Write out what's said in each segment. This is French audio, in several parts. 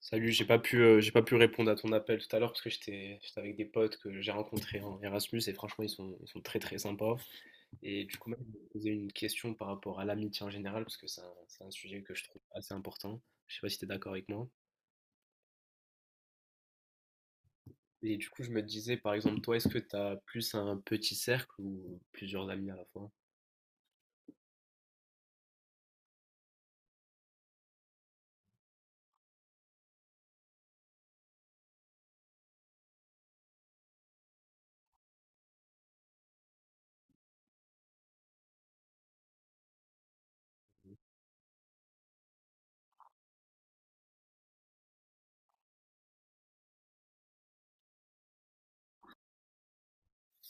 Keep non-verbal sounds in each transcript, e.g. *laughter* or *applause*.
Salut, j'ai pas pu répondre à ton appel tout à l'heure parce que j'étais avec des potes que j'ai rencontrés en Erasmus, et franchement ils sont très très sympas. Et du coup, même, je me posais une question par rapport à l'amitié en général, parce que c'est un sujet que je trouve assez important. Je sais pas si tu es d'accord avec moi. Et du coup, je me disais par exemple, toi, est-ce que tu as plus un petit cercle ou plusieurs amis à la fois?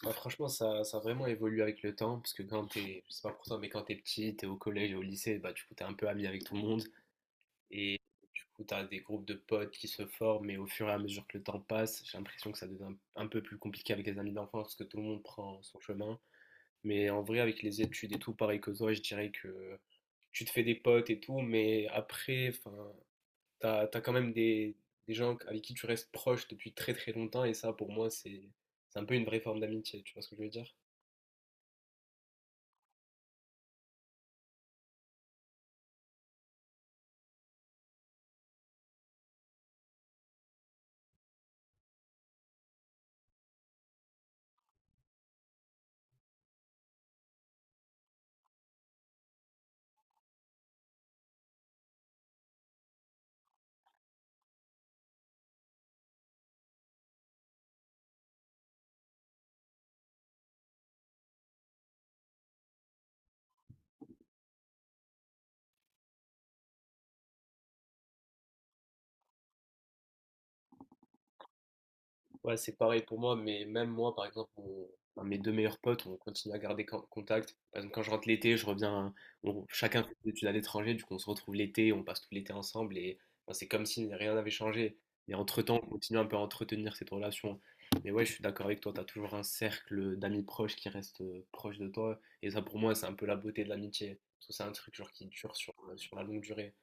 Bah, franchement, ça a vraiment évolué avec le temps, parce que quand t'es, je sais pas pour toi, mais quand t'es petit, t'es au collège et au lycée, bah du coup t'es un peu ami avec tout le monde, et du coup t'as des groupes de potes qui se forment, mais au fur et à mesure que le temps passe, j'ai l'impression que ça devient un peu plus compliqué avec les amis d'enfance, parce que tout le monde prend son chemin. Mais en vrai, avec les études et tout, pareil que toi, je dirais que tu te fais des potes et tout, mais après, enfin, t'as quand même des gens avec qui tu restes proche depuis très très longtemps, et ça, pour moi, c'est un peu une vraie forme d'amitié, tu vois ce que je veux dire? Ouais, c'est pareil pour moi, mais même moi, par exemple, un de mes deux meilleurs potes, on continue à garder contact. Par exemple, quand je rentre l'été, je reviens, chacun fait des études à l'étranger, du coup, on se retrouve l'été, on passe tout l'été ensemble, et enfin, c'est comme si rien n'avait changé. Mais entre-temps, on continue un peu à entretenir cette relation. Mais ouais, je suis d'accord avec toi, t'as toujours un cercle d'amis proches qui reste proche de toi, et ça, pour moi, c'est un peu la beauté de l'amitié, parce que c'est un truc genre qui dure sur la longue durée.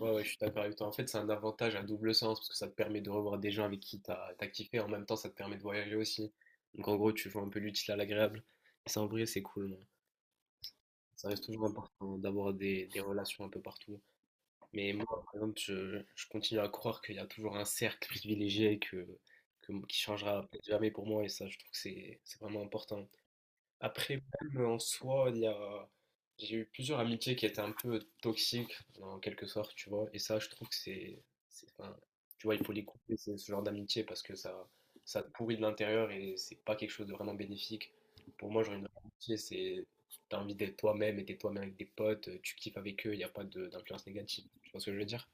Ouais, ouais, je suis d'accord avec toi. En fait, c'est un avantage à double sens parce que ça te permet de revoir des gens avec qui t'as kiffé. En même temps, ça te permet de voyager aussi. Donc, en gros, tu vois, un peu l'utile à l'agréable. Et ça, en vrai, c'est cool, hein. Ça reste toujours important d'avoir des relations un peu partout. Mais moi, par exemple, je continue à croire qu'il y a toujours un cercle privilégié qui changera peut-être jamais pour moi. Et ça, je trouve que c'est vraiment important. Après, même en soi, j'ai eu plusieurs amitiés qui étaient un peu toxiques, en quelque sorte, tu vois. Et ça, je trouve que enfin, tu vois, il faut les couper, c'est ce genre d'amitié, parce que ça te pourrit de l'intérieur et c'est pas quelque chose de vraiment bénéfique. Pour moi, genre, une vraie amitié, t'as envie d'être toi-même et t'es toi-même avec des potes, tu kiffes avec eux, il n'y a pas d'influence négative. Tu vois ce que je veux dire?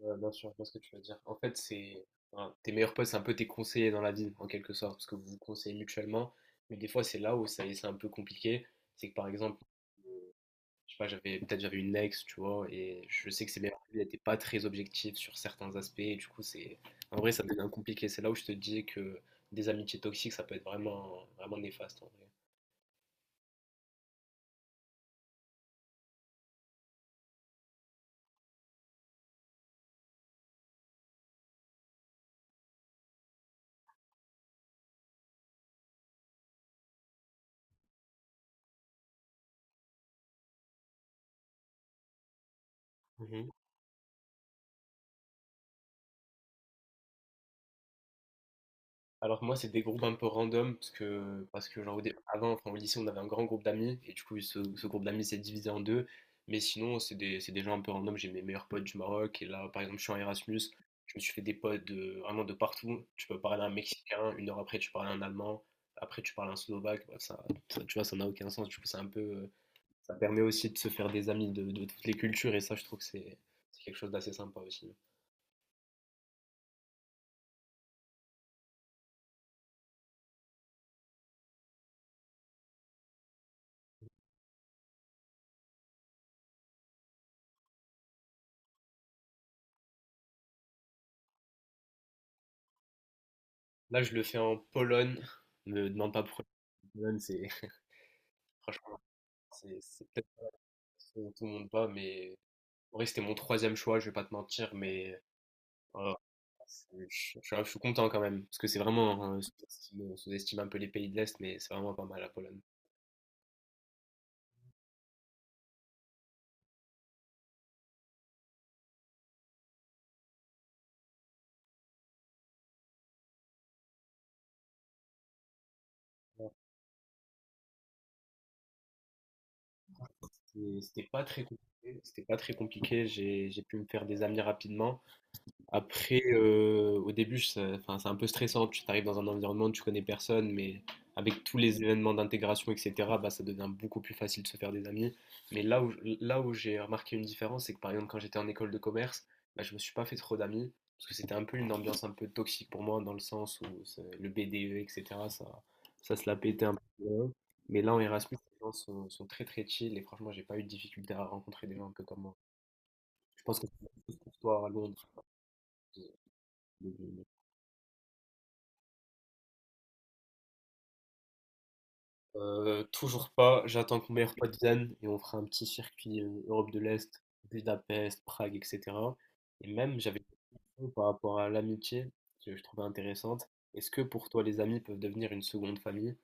Ouais, bien sûr, je vois ce que tu veux dire. En fait, c'est voilà, tes meilleurs potes, c'est un peu tes conseillers dans la vie, en quelque sorte, parce que vous vous conseillez mutuellement. Mais des fois, c'est là où ça, c'est un peu compliqué. C'est que par exemple, je sais pas, j'avais une ex, tu vois, et je sais que ses meilleurs amis n'étaient pas très objectifs sur certains aspects. Et du coup, c'est en vrai, ça devient compliqué. C'est là où je te dis que des amitiés toxiques, ça peut être vraiment, vraiment néfaste en vrai. Alors que moi, c'est des groupes un peu random, parce que genre, avant, enfin, au lycée, on avait un grand groupe d'amis, et du coup, ce groupe d'amis s'est divisé en deux. Mais sinon, c'est des gens un peu random. J'ai mes meilleurs potes du Maroc, et là, par exemple, je suis en Erasmus. Je me suis fait des potes de, vraiment de partout. Tu peux parler à un Mexicain, une heure après, tu parles à un Allemand, après, tu parles à un Slovaque. Bref, ça, tu vois, ça n'a aucun sens. Du coup, c'est un peu, ça permet aussi de se faire des amis de toutes les cultures, et ça, je trouve que c'est quelque chose d'assez sympa aussi. Là, je le fais en Pologne. Ne me demande pas pourquoi. Pologne, c'est *laughs* franchement. C'est peut-être où tout le monde pas, mais en vrai, c'était mon troisième choix, je vais pas te mentir, mais voilà, suis content quand même, parce que c'est vraiment, on sous-estime un peu les pays de l'Est, mais c'est vraiment pas mal, la Pologne. C'était c'était pas très compliqué, c'était pas très compliqué, j'ai pu me faire des amis rapidement. Après, au début, ça- enfin, c'est un peu stressant. Tu arrives dans un environnement, tu connais personne, mais avec tous les événements d'intégration, etc., bah, ça devient beaucoup plus facile de se faire des amis. Mais là où j'ai remarqué une différence, c'est que par exemple, quand j'étais en école de commerce, bah, je me suis pas fait trop d'amis, parce que c'était un peu une ambiance un peu toxique pour moi, dans le sens où le BDE, etc., ça, ça se la pétait un peu. Mais là, en Erasmus, les gens sont très très chill, et franchement, j'ai pas eu de difficulté à rencontrer des gens un peu comme moi. Je pense que c'est la même chose pour toi à Londres. Toujours pas. J'attends que mon meilleur pote vienne et on fera un petit circuit Europe de l'Est, Budapest, Prague, etc. Et même, j'avais une question par rapport à l'amitié que je trouvais intéressante. Est-ce que pour toi, les amis peuvent devenir une seconde famille?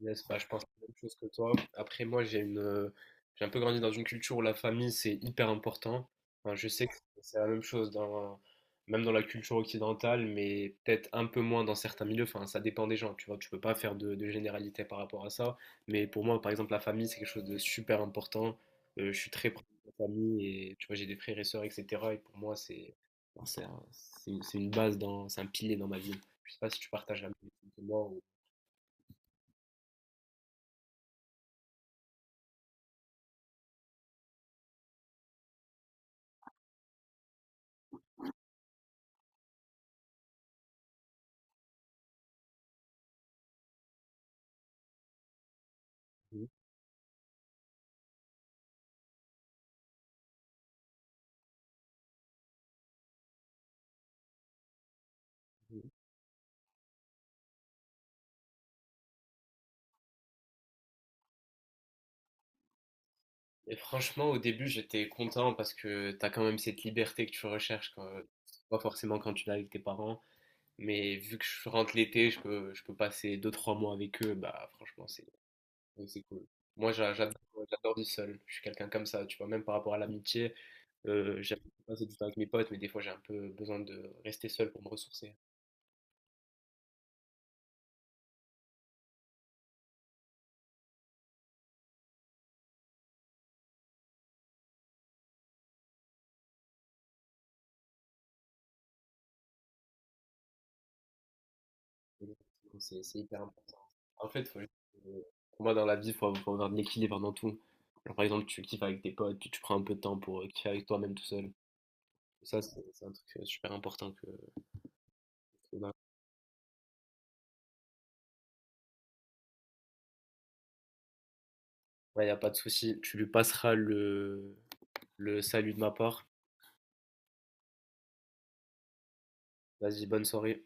Yes, bah, je pense la même chose que toi. Après, moi, j'ai une, j'ai un peu grandi dans une culture où la famille, c'est hyper important. Enfin, je sais que c'est la même chose dans, même dans la culture occidentale, mais peut-être un peu moins dans certains milieux. Enfin, ça dépend des gens, tu vois. Tu peux pas faire de généralité par rapport à ça. Mais pour moi, par exemple, la famille, c'est quelque chose de super important. Je suis très proche de la famille, et tu vois, j'ai des frères et sœurs, etc. Et pour moi, c'est, enfin, c'est un- c'est une base dans, c'est un pilier dans ma vie. Je sais pas si tu partages la même chose que moi ou... Et franchement, au début, j'étais content parce que t'as quand même cette liberté que tu recherches quand, pas forcément quand tu l'as avec tes parents, mais vu que je rentre l'été, je peux passer 2-3 mois avec eux, bah franchement, c'est cool. Moi, j'adore vivre seul. Je suis quelqu'un comme ça, tu vois, même par rapport à l'amitié, j'aime passer du temps avec mes potes, mais des fois, j'ai un peu besoin de rester seul pour me ressourcer. Exactement, c'est hyper important. En fait, faut juste, euh, pour moi, dans la vie, il faut avoir de l'équilibre dans tout. Genre, par exemple, tu kiffes avec tes potes, puis tu prends un peu de temps pour kiffer avec toi-même tout seul. Ça, c'est un truc super important que d'un- Ouais, y a pas de souci. Tu lui passeras le salut de ma part. Vas-y, bonne soirée.